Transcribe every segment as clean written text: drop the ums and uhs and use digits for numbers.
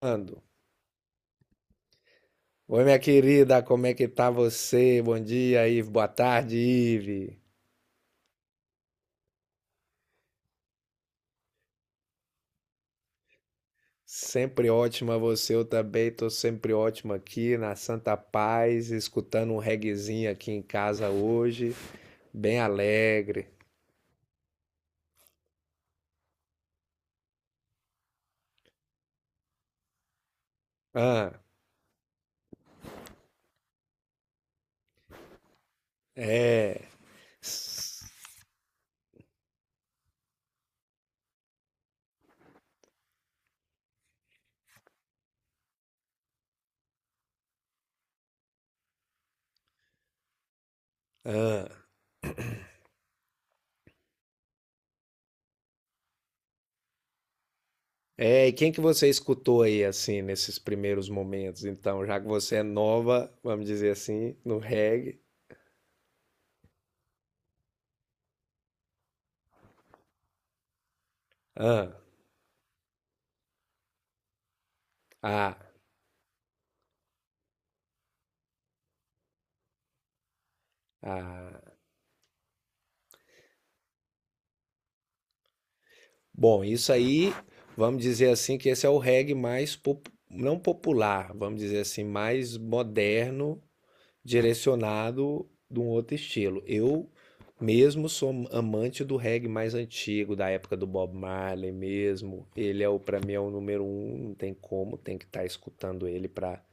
Ando. Oi, minha querida, como é que tá você? Bom dia, Ive. Boa tarde, Ive. Sempre ótima você, eu também tô sempre ótima aqui na Santa Paz, escutando um reguezinho aqui em casa hoje, bem alegre. Ah, é. Ah, é. E quem que você escutou aí assim nesses primeiros momentos? Então, já que você é nova, vamos dizer assim, no reggae. Ah, ah, ah. Bom, isso aí, vamos dizer assim, que esse é o reggae mais, não popular, vamos dizer assim, mais moderno, direcionado de um outro estilo. Eu mesmo sou amante do reggae mais antigo, da época do Bob Marley mesmo. Ele é o, para mim, é o número um, não tem como, tem que estar escutando ele para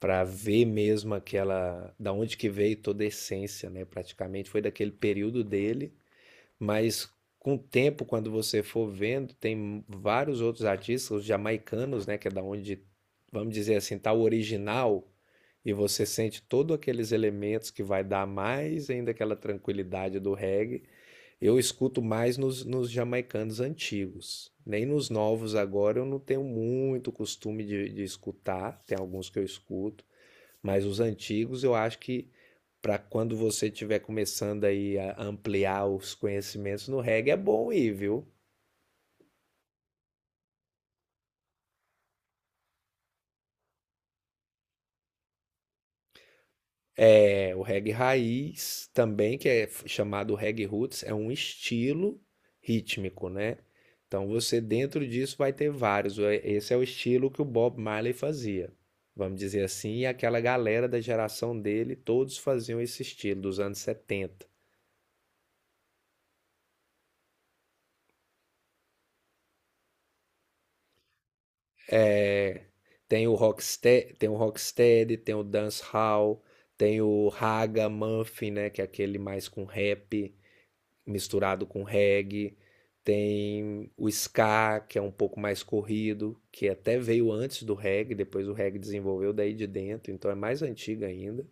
ver mesmo aquela, da onde que veio toda a essência, né? Praticamente foi daquele período dele, mas com o tempo, quando você for vendo, tem vários outros artistas, os jamaicanos, né, que é da onde, vamos dizer assim, tá o original, e você sente todos aqueles elementos que vai dar mais ainda aquela tranquilidade do reggae. Eu escuto mais nos jamaicanos antigos. Nem nos novos agora eu não tenho muito costume de escutar, tem alguns que eu escuto, mas os antigos eu acho que para quando você estiver começando aí a ampliar os conhecimentos no reggae, é bom ir, viu? É, o reggae raiz também, que é chamado reggae roots, é um estilo rítmico, né? Então você dentro disso vai ter vários. É, esse é o estilo que o Bob Marley fazia, vamos dizer assim, e aquela galera da geração dele, todos faziam esse estilo dos anos 70. É, tem o Rocksteady, tem o Dancehall, tem o Raga Muffin, né, que é aquele mais com rap misturado com reggae. Tem o ska, que é um pouco mais corrido, que até veio antes do reggae, depois o reggae desenvolveu daí de dentro, então é mais antigo ainda.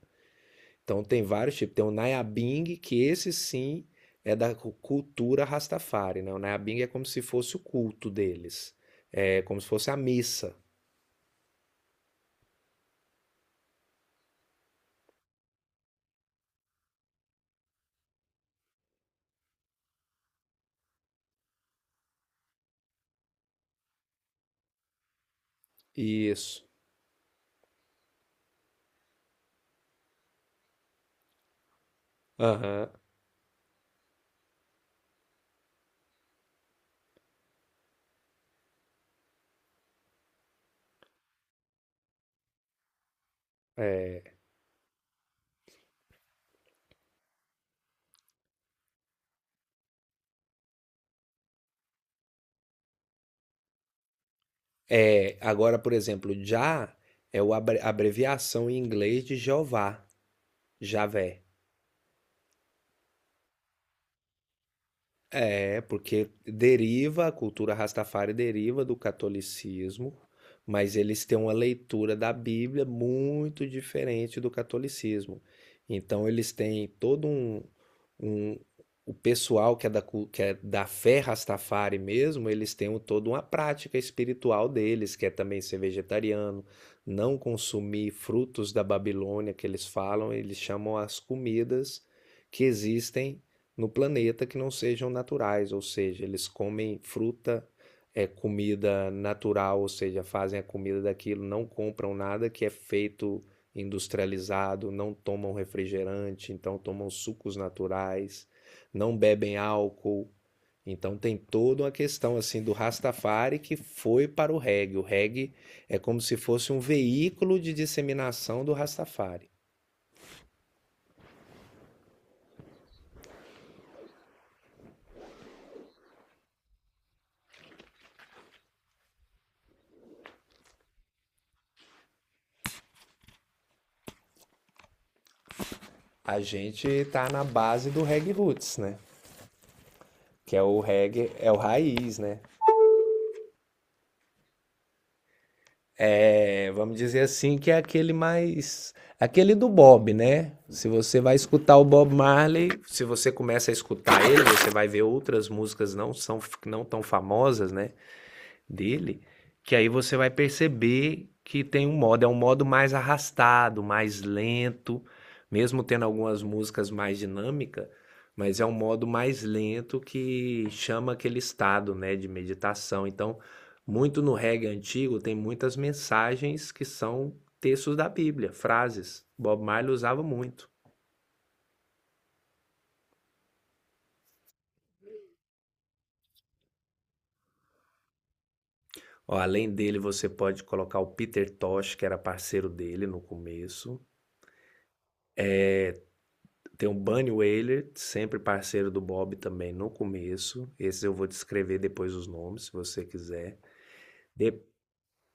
Então tem vários tipos. Tem o Nayabing, que esse sim é da cultura Rastafari, né? O Nayabing é como se fosse o culto deles, é como se fosse a missa. Isso. Aham. É. É, agora, por exemplo, já é o abreviação em inglês de Jeová, Javé. É, porque deriva, a cultura Rastafari deriva do catolicismo, mas eles têm uma leitura da Bíblia muito diferente do catolicismo. Então eles têm todo um- o pessoal que é da, que é da fé Rastafari mesmo, eles têm toda uma prática espiritual deles, que é também ser vegetariano, não consumir frutos da Babilônia que eles falam, eles chamam as comidas que existem no planeta que não sejam naturais, ou seja, eles comem fruta, é comida natural, ou seja, fazem a comida daquilo, não compram nada que é feito industrializado, não tomam refrigerante, então tomam sucos naturais, não bebem álcool. Então tem toda uma questão assim do Rastafari que foi para o reggae. O reggae é como se fosse um veículo de disseminação do Rastafari. A gente está na base do reggae roots, né? Que é o reggae, é o raiz, né? É, vamos dizer assim que é aquele mais, aquele do Bob, né? Se você vai escutar o Bob Marley, se você começa a escutar ele, você vai ver outras músicas, não são não tão famosas, né, dele, que aí você vai perceber que tem um modo, é um modo mais arrastado, mais lento, mesmo tendo algumas músicas mais dinâmicas, mas é um modo mais lento que chama aquele estado, né, de meditação. Então, muito no reggae antigo tem muitas mensagens que são textos da Bíblia, frases. Bob Marley usava muito. Ó, além dele, você pode colocar o Peter Tosh, que era parceiro dele no começo. Tem o Bunny Wailer, sempre parceiro do Bob também no começo. Esses eu vou descrever depois os nomes, se você quiser. De-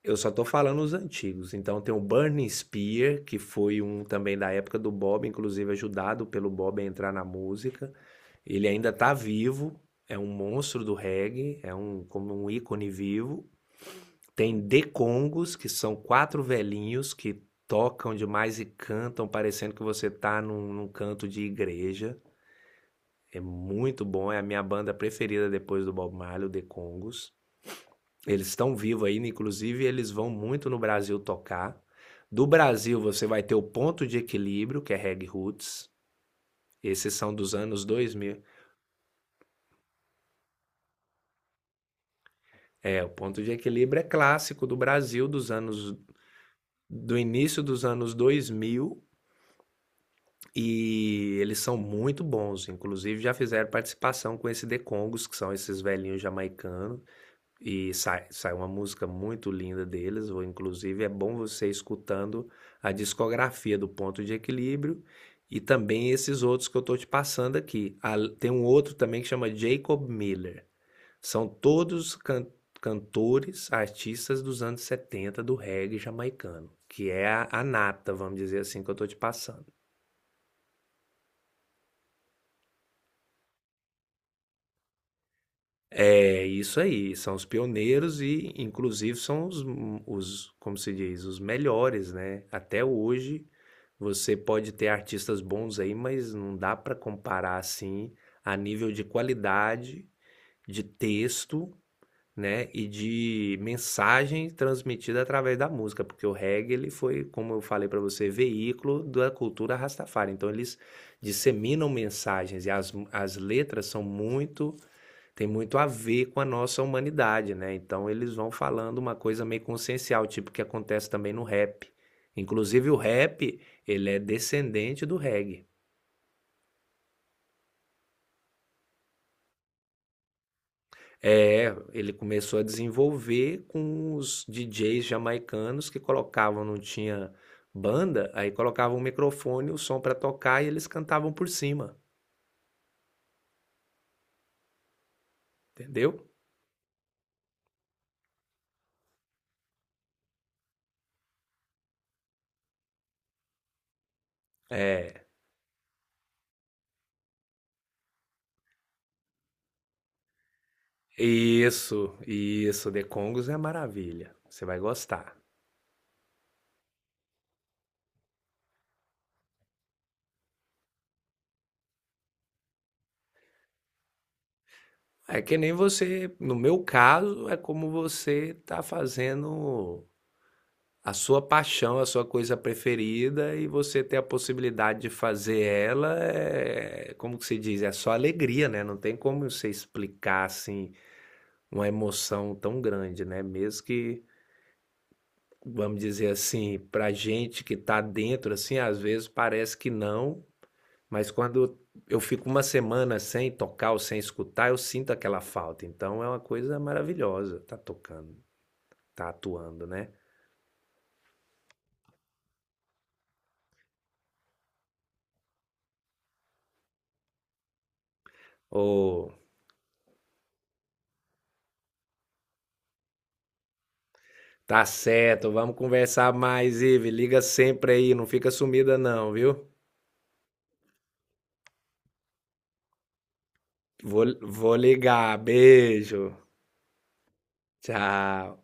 Eu só tô falando os antigos. Então tem o Burning Spear, que foi um também da época do Bob, inclusive ajudado pelo Bob a entrar na música. Ele ainda tá vivo, é um monstro do reggae, é um como um ícone vivo. Tem The Congos, que são quatro velhinhos que tocam demais e cantam, parecendo que você tá num canto de igreja. É muito bom, é a minha banda preferida depois do Bob Marley, o The Congos. Eles estão vivos ainda, inclusive eles vão muito no Brasil tocar. Do Brasil você vai ter o Ponto de Equilíbrio, que é Reg Roots. Esses são dos anos 2000. É, o Ponto de Equilíbrio é clássico do Brasil dos anos, do início dos anos 2000, e eles são muito bons, inclusive já fizeram participação com esse The Congos, que são esses velhinhos jamaicanos. E sai uma música muito linda deles, ou inclusive é bom você ir escutando a discografia do Ponto de Equilíbrio e também esses outros que eu estou te passando aqui. Tem um outro também que chama Jacob Miller. São todos cantores, artistas dos anos 70 do reggae jamaicano, que é a nata, vamos dizer assim, que eu estou te passando. É isso aí, são os pioneiros e, inclusive, são os, como se diz, os melhores, né? Até hoje você pode ter artistas bons aí, mas não dá para comparar assim a nível de qualidade de texto, né, e de mensagem transmitida através da música, porque o reggae ele foi, como eu falei para você, veículo da cultura Rastafari. Então eles disseminam mensagens e as letras são muito, tem muito a ver com a nossa humanidade, né? Então eles vão falando uma coisa meio consciencial, tipo que acontece também no rap. Inclusive o rap, ele é descendente do reggae. É, ele começou a desenvolver com os DJs jamaicanos que colocavam, não tinha banda, aí colocavam o microfone, o som para tocar e eles cantavam por cima, entendeu? É, isso, The Congos é maravilha, você vai gostar. É que nem você, no meu caso, é como você tá fazendo a sua paixão, a sua coisa preferida e você ter a possibilidade de fazer ela, é, como que se diz, é só alegria, né? Não tem como você explicar assim uma emoção tão grande, né? Mesmo que, vamos dizer assim, pra gente que tá dentro assim, às vezes parece que não, mas quando eu fico uma semana sem tocar ou sem escutar, eu sinto aquela falta. Então é uma coisa maravilhosa tá tocando, tá atuando, né? Ou tá certo, vamos conversar mais, Ive. Liga sempre aí, não fica sumida não, viu? Vou ligar. Beijo. Tchau.